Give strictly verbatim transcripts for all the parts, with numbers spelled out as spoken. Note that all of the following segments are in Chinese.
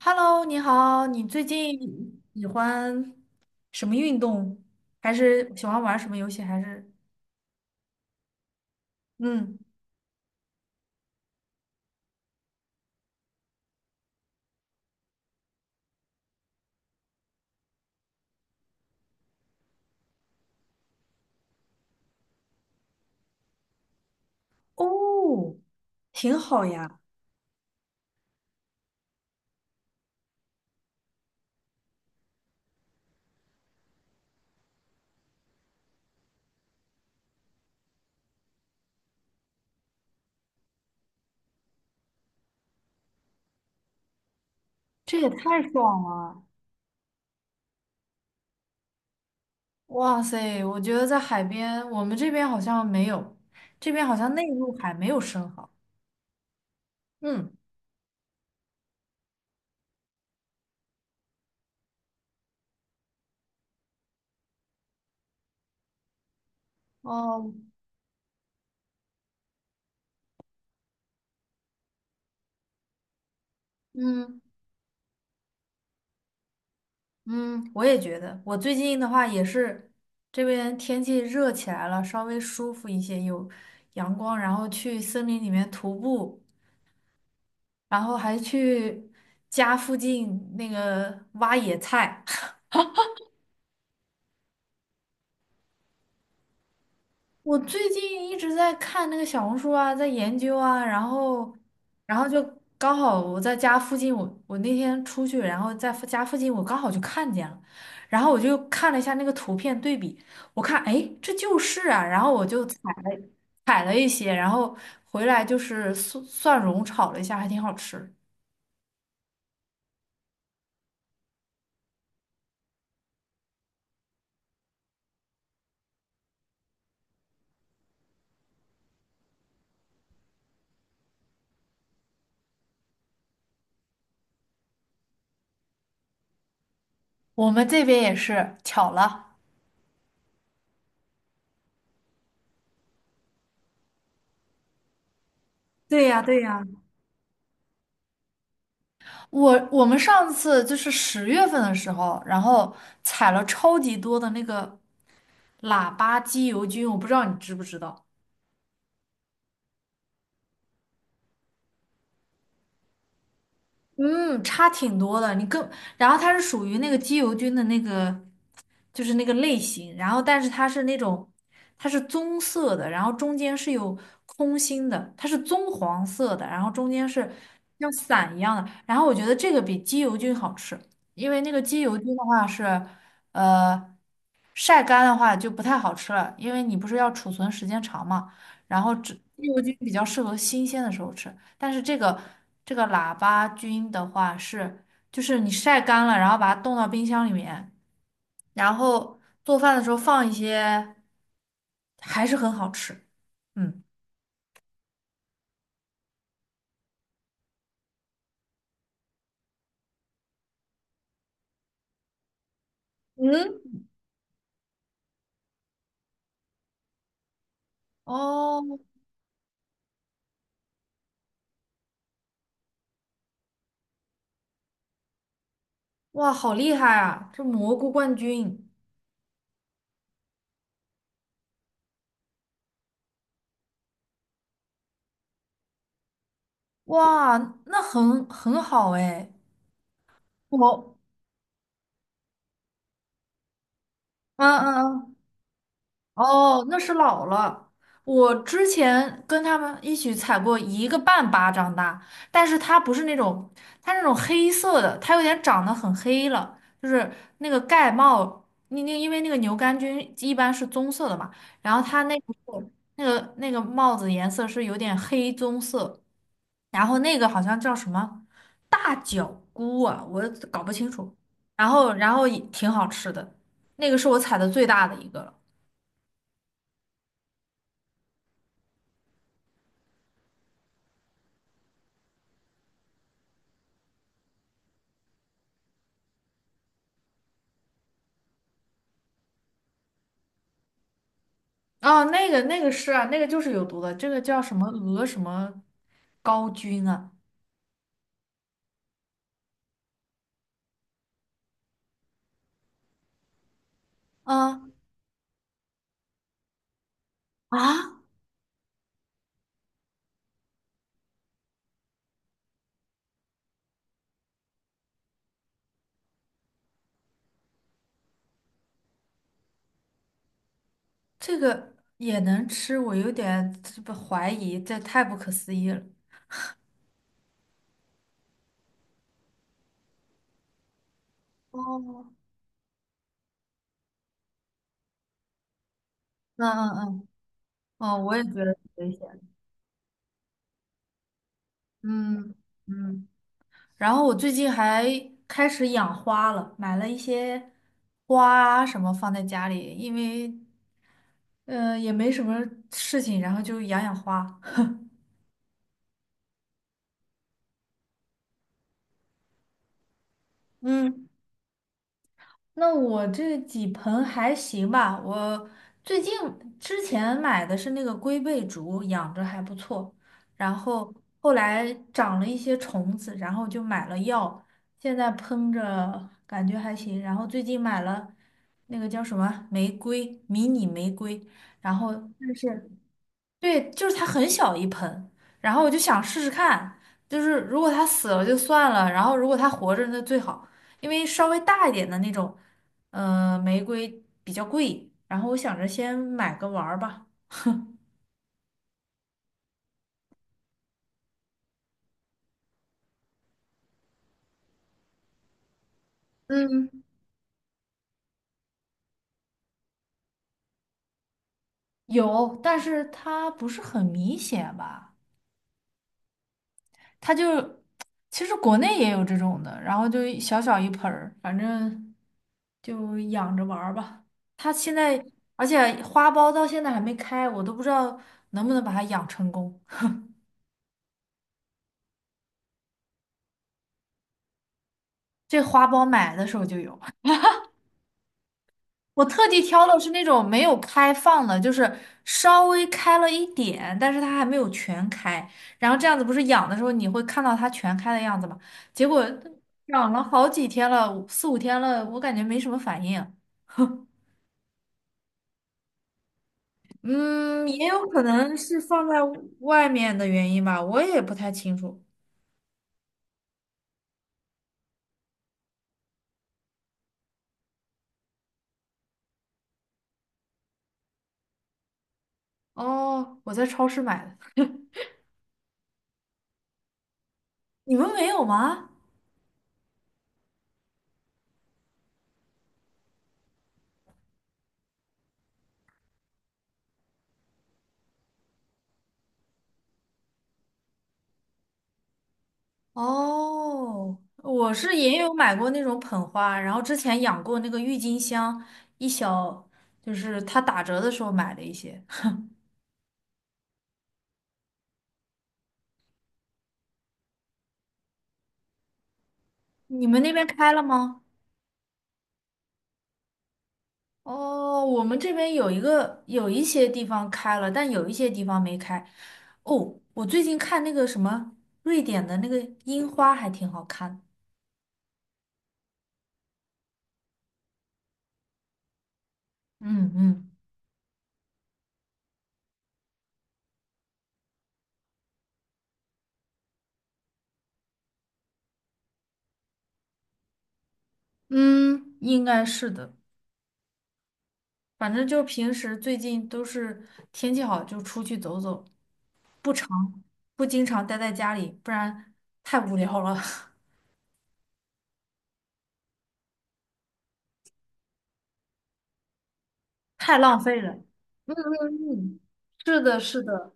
Hello，你好，你最近喜欢什么运动？还是喜欢玩什么游戏？还是嗯，哦，挺好呀，这也太爽了！哇塞，我觉得在海边，我们这边好像没有，这边好像内陆海没有生蚝。嗯，哦，嗯嗯，我也觉得，我最近的话也是，这边天气热起来了，稍微舒服一些，有阳光，然后去森林里面徒步。然后还去家附近那个挖野菜。我最近一直在看那个小红书啊，在研究啊，然后，然后就刚好我在家附近，我我那天出去，然后在附家附近我刚好就看见了，然后我就看了一下那个图片对比，我看哎这就是啊，然后我就采了采了一些，然后回来就是蒜蒜蓉炒了一下，还挺好吃。我们这边也是巧了。对呀，对呀。我我们上次就是十月份的时候，然后采了超级多的那个喇叭机油菌，我不知道你知不知道。嗯，差挺多的。你更，然后它是属于那个鸡油菌的那个，就是那个类型。然后，但是它是那种，它是棕色的，然后中间是有空心的，它是棕黄色的，然后中间是像伞一样的。然后我觉得这个比鸡油菌好吃，因为那个鸡油菌的话是，呃，晒干的话就不太好吃了，因为你不是要储存时间长嘛。然后只鸡油菌比较适合新鲜的时候吃。但是这个这个喇叭菌的话是，就是你晒干了，然后把它冻到冰箱里面，然后做饭的时候放一些，还是很好吃。嗯，嗯，哦，哇，好厉害啊！这蘑菇冠军，哇，那很很好哎。我，嗯嗯嗯。哦，那是老了。我之前跟他们一起采过一个半巴掌大，但是它不是那种，它那种黑色的，它有点长得很黑了，就是那个盖帽，那那因为那个牛肝菌一般是棕色的嘛，然后它那个是那个那个帽子颜色是有点黑棕色，然后那个好像叫什么大脚菇啊，我搞不清楚，然后然后也挺好吃的，那个是我采的最大的一个了。哦，那个那个是啊，那个就是有毒的，这个叫什么鹅什么高菌啊？啊啊，这个也能吃，我有点这不怀疑，这太不可思议了。哦，嗯嗯嗯，哦，我也觉得挺危险的。嗯嗯，然后我最近还开始养花了，买了一些花啊什么放在家里，因为呃也没什么事情，然后就养养花。嗯。那我这几盆还行吧，我最近之前买的是那个龟背竹，养着还不错，然后后来长了一些虫子，然后就买了药，现在喷着感觉还行，然后最近买了那个叫什么玫瑰，迷你玫瑰，然后但是对，就是它很小一盆，然后我就想试试看，就是如果它死了就算了，然后如果它活着那最好，因为稍微大一点的那种，呃，玫瑰比较贵，然后我想着先买个玩儿吧。嗯，有，但是它不是很明显吧？它就其实国内也有这种的，然后就一小小一盆儿，反正就养着玩儿吧。它现在，而且花苞到现在还没开，我都不知道能不能把它养成功。这花苞买的时候就有，我特地挑的是那种没有开放的，就是稍微开了一点，但是它还没有全开。然后这样子不是养的时候你会看到它全开的样子吗？结果养了好几天了，四五天了，我感觉没什么反应。嗯，也有可能是放在外面的原因吧，我也不太清楚。哦，我在超市买的，你们没有吗？哦，我是也有买过那种捧花，然后之前养过那个郁金香，一小，就是它打折的时候买了一些。你们那边开了吗？哦，我们这边有一个，有一些地方开了，但有一些地方没开。哦，我最近看那个什么瑞典的那个樱花还挺好看的。嗯嗯嗯，应该是的。反正就平时最近都是天气好就出去走走，不常不经常待在家里，不然太无聊了，太浪费了。嗯嗯嗯，是的，是的，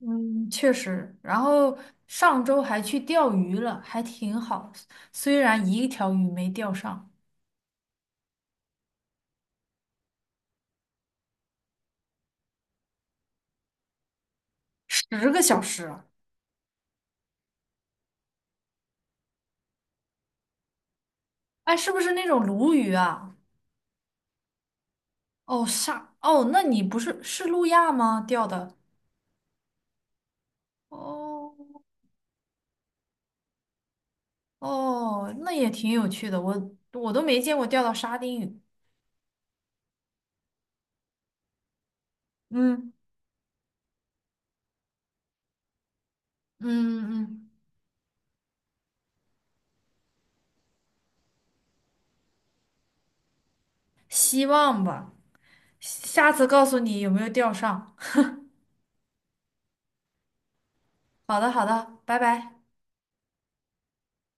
嗯，确实。然后上周还去钓鱼了，还挺好，虽然一条鱼没钓上，十个小时啊。哎，是不是那种鲈鱼啊？哦，沙哦，那你不是是路亚吗？钓的？哦。哦，那也挺有趣的，我我都没见过钓到沙丁鱼。嗯嗯嗯，希望吧，下次告诉你有没有钓上。好的好的，拜拜。